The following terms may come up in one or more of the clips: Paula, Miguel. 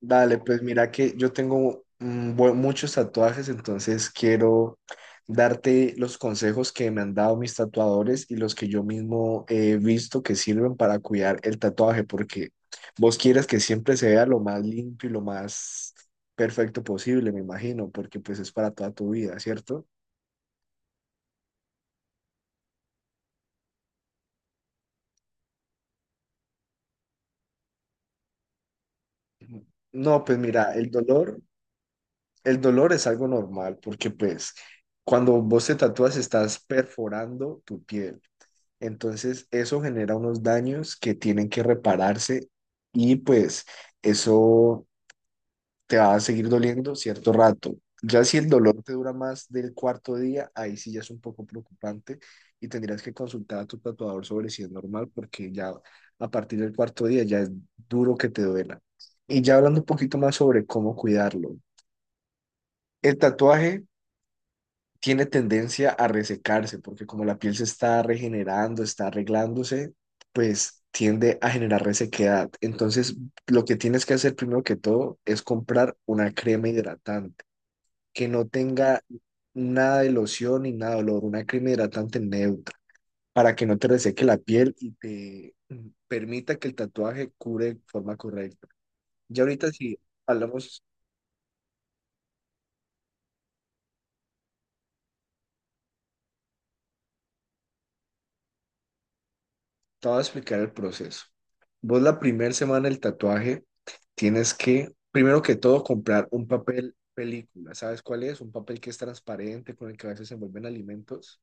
Dale, pues mira que yo tengo muchos tatuajes, entonces quiero darte los consejos que me han dado mis tatuadores y los que yo mismo he visto que sirven para cuidar el tatuaje, porque vos quieres que siempre se vea lo más limpio y lo más perfecto posible, me imagino, porque pues es para toda tu vida, ¿cierto? No, pues mira, el dolor es algo normal, porque pues cuando vos te tatúas estás perforando tu piel. Entonces, eso genera unos daños que tienen que repararse y pues eso te va a seguir doliendo cierto rato. Ya si el dolor te dura más del cuarto día, ahí sí ya es un poco preocupante y tendrías que consultar a tu tatuador sobre si es normal porque ya a partir del cuarto día ya es duro que te duela. Y ya hablando un poquito más sobre cómo cuidarlo. El tatuaje tiene tendencia a resecarse, porque como la piel se está regenerando, está arreglándose, pues tiende a generar resequedad. Entonces, lo que tienes que hacer primero que todo es comprar una crema hidratante que no tenga nada de loción ni nada de olor, una crema hidratante neutra, para que no te reseque la piel y te permita que el tatuaje cure de forma correcta. Ya ahorita si hablamos te voy a explicar el proceso. Vos la primera semana del tatuaje tienes que, primero que todo, comprar un papel película. ¿Sabes cuál es? Un papel que es transparente, con el que a veces se envuelven alimentos.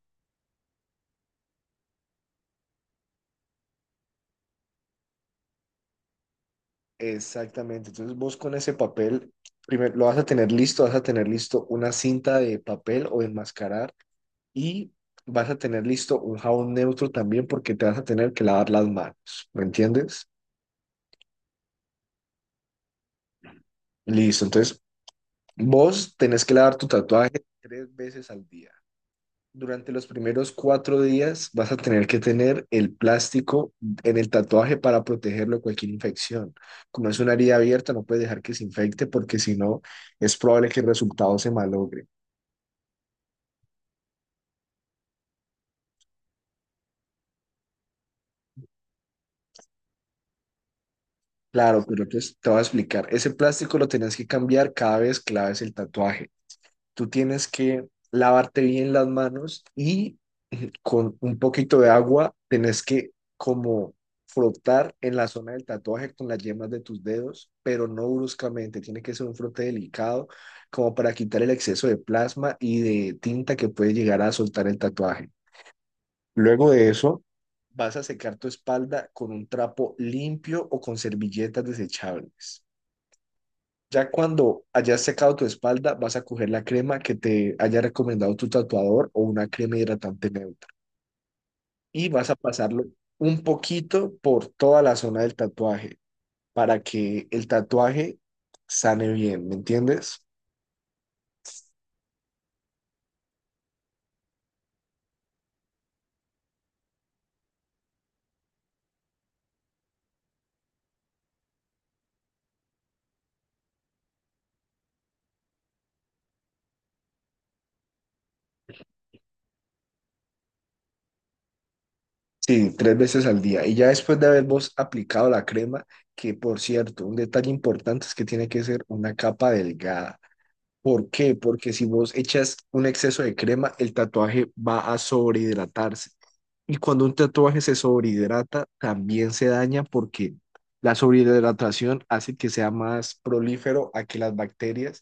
Exactamente. Entonces vos con ese papel, primero lo vas a tener listo, vas a tener listo una cinta de papel o de enmascarar y vas a tener listo un jabón neutro también porque te vas a tener que lavar las manos. ¿Me entiendes? Listo. Entonces vos tenés que lavar tu tatuaje tres veces al día. Durante los primeros cuatro días vas a tener que tener el plástico en el tatuaje para protegerlo de cualquier infección. Como es una herida abierta, no puedes dejar que se infecte porque si no, es probable que el resultado se malogre. Claro, pero pues te voy a explicar. Ese plástico lo tenías que cambiar cada vez que laves el tatuaje. Tú tienes que lavarte bien las manos y con un poquito de agua tenés que como frotar en la zona del tatuaje con las yemas de tus dedos, pero no bruscamente, tiene que ser un frote delicado como para quitar el exceso de plasma y de tinta que puede llegar a soltar el tatuaje. Luego de eso, vas a secar tu espalda con un trapo limpio o con servilletas desechables. Ya cuando hayas secado tu espalda, vas a coger la crema que te haya recomendado tu tatuador o una crema hidratante neutra. Y vas a pasarlo un poquito por toda la zona del tatuaje para que el tatuaje sane bien, ¿me entiendes? Sí, tres veces al día. Y ya después de haber vos aplicado la crema, que por cierto, un detalle importante es que tiene que ser una capa delgada. ¿Por qué? Porque si vos echas un exceso de crema, el tatuaje va a sobrehidratarse. Y cuando un tatuaje se sobrehidrata, también se daña porque la sobrehidratación hace que sea más prolífero a que las bacterias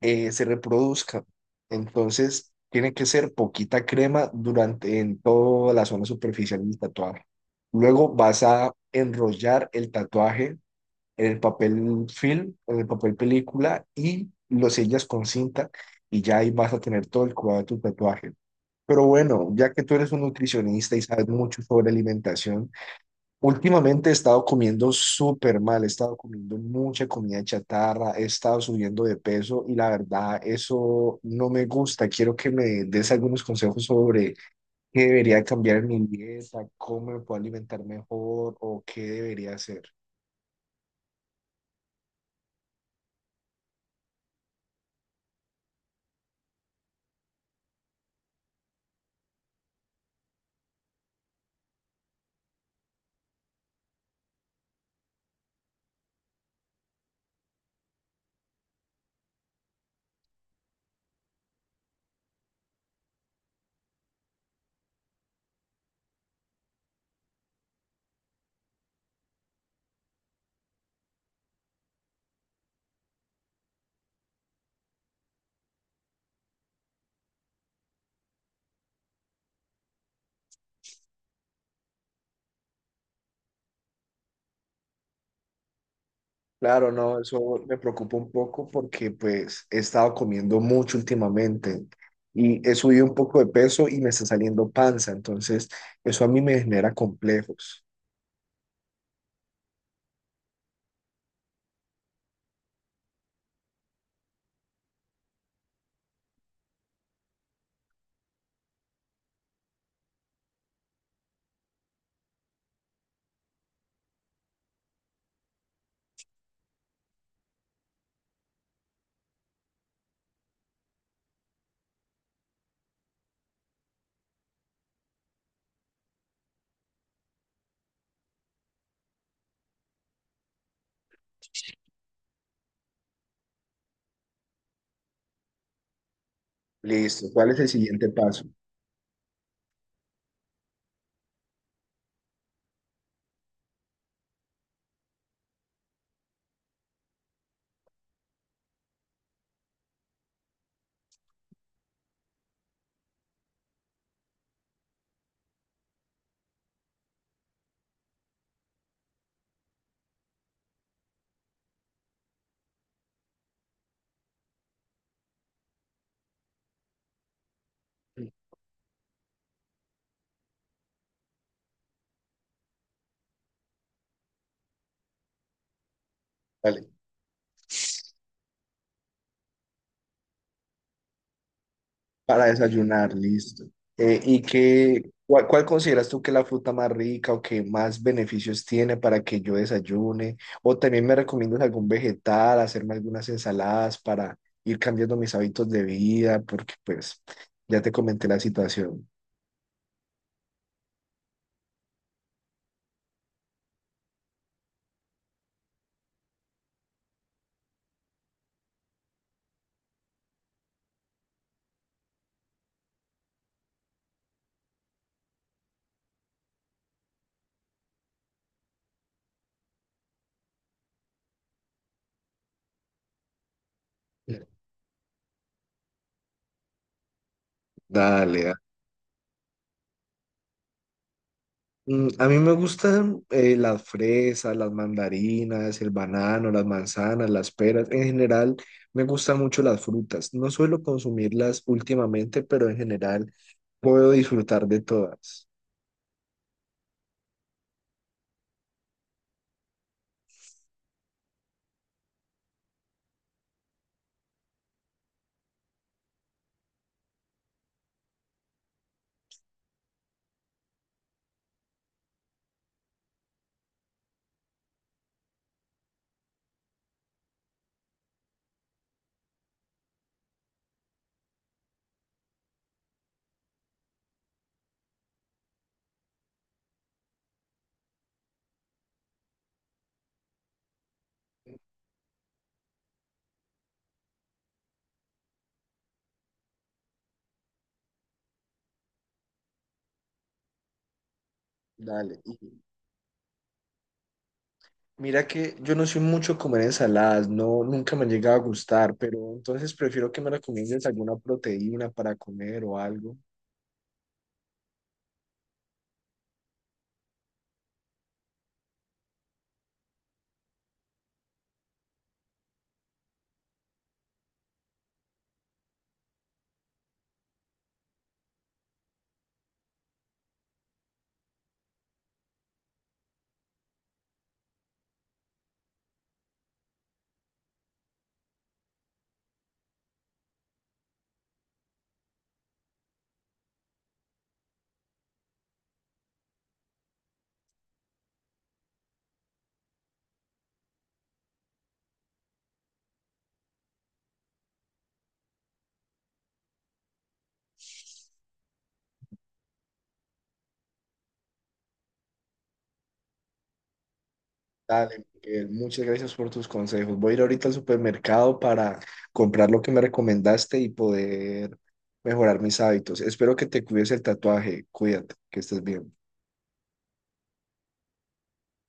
se reproduzcan. Entonces, tiene que ser poquita crema durante en toda la zona superficial del tatuaje. Luego vas a enrollar el tatuaje en el papel film, en el papel película y lo sellas con cinta y ya ahí vas a tener todo el cuidado de tu tatuaje. Pero bueno, ya que tú eres un nutricionista y sabes mucho sobre alimentación, últimamente he estado comiendo súper mal, he estado comiendo mucha comida chatarra, he estado subiendo de peso y la verdad eso no me gusta. Quiero que me des algunos consejos sobre qué debería cambiar en mi dieta, cómo me puedo alimentar mejor o qué debería hacer. Claro, no, eso me preocupa un poco porque pues he estado comiendo mucho últimamente y he subido un poco de peso y me está saliendo panza, entonces eso a mí me genera complejos. Listo, ¿cuál es el siguiente paso? Vale. Para desayunar, listo. ¿Y qué, cuál, cuál consideras tú que es la fruta más rica o que más beneficios tiene para que yo desayune? O también me recomiendas algún vegetal, hacerme algunas ensaladas para ir cambiando mis hábitos de vida, porque pues ya te comenté la situación. Dale, da- A mí me gustan las fresas, las mandarinas, el banano, las manzanas, las peras. En general, me gustan mucho las frutas. No suelo consumirlas últimamente, pero en general puedo disfrutar de todas. Dale. Y mira que yo no soy mucho de comer ensaladas, no, nunca me ha llegado a gustar, pero entonces prefiero que me recomiendes alguna proteína para comer o algo. Dale, Miguel, muchas gracias por tus consejos. Voy a ir ahorita al supermercado para comprar lo que me recomendaste y poder mejorar mis hábitos. Espero que te cuides el tatuaje. Cuídate, que estés bien.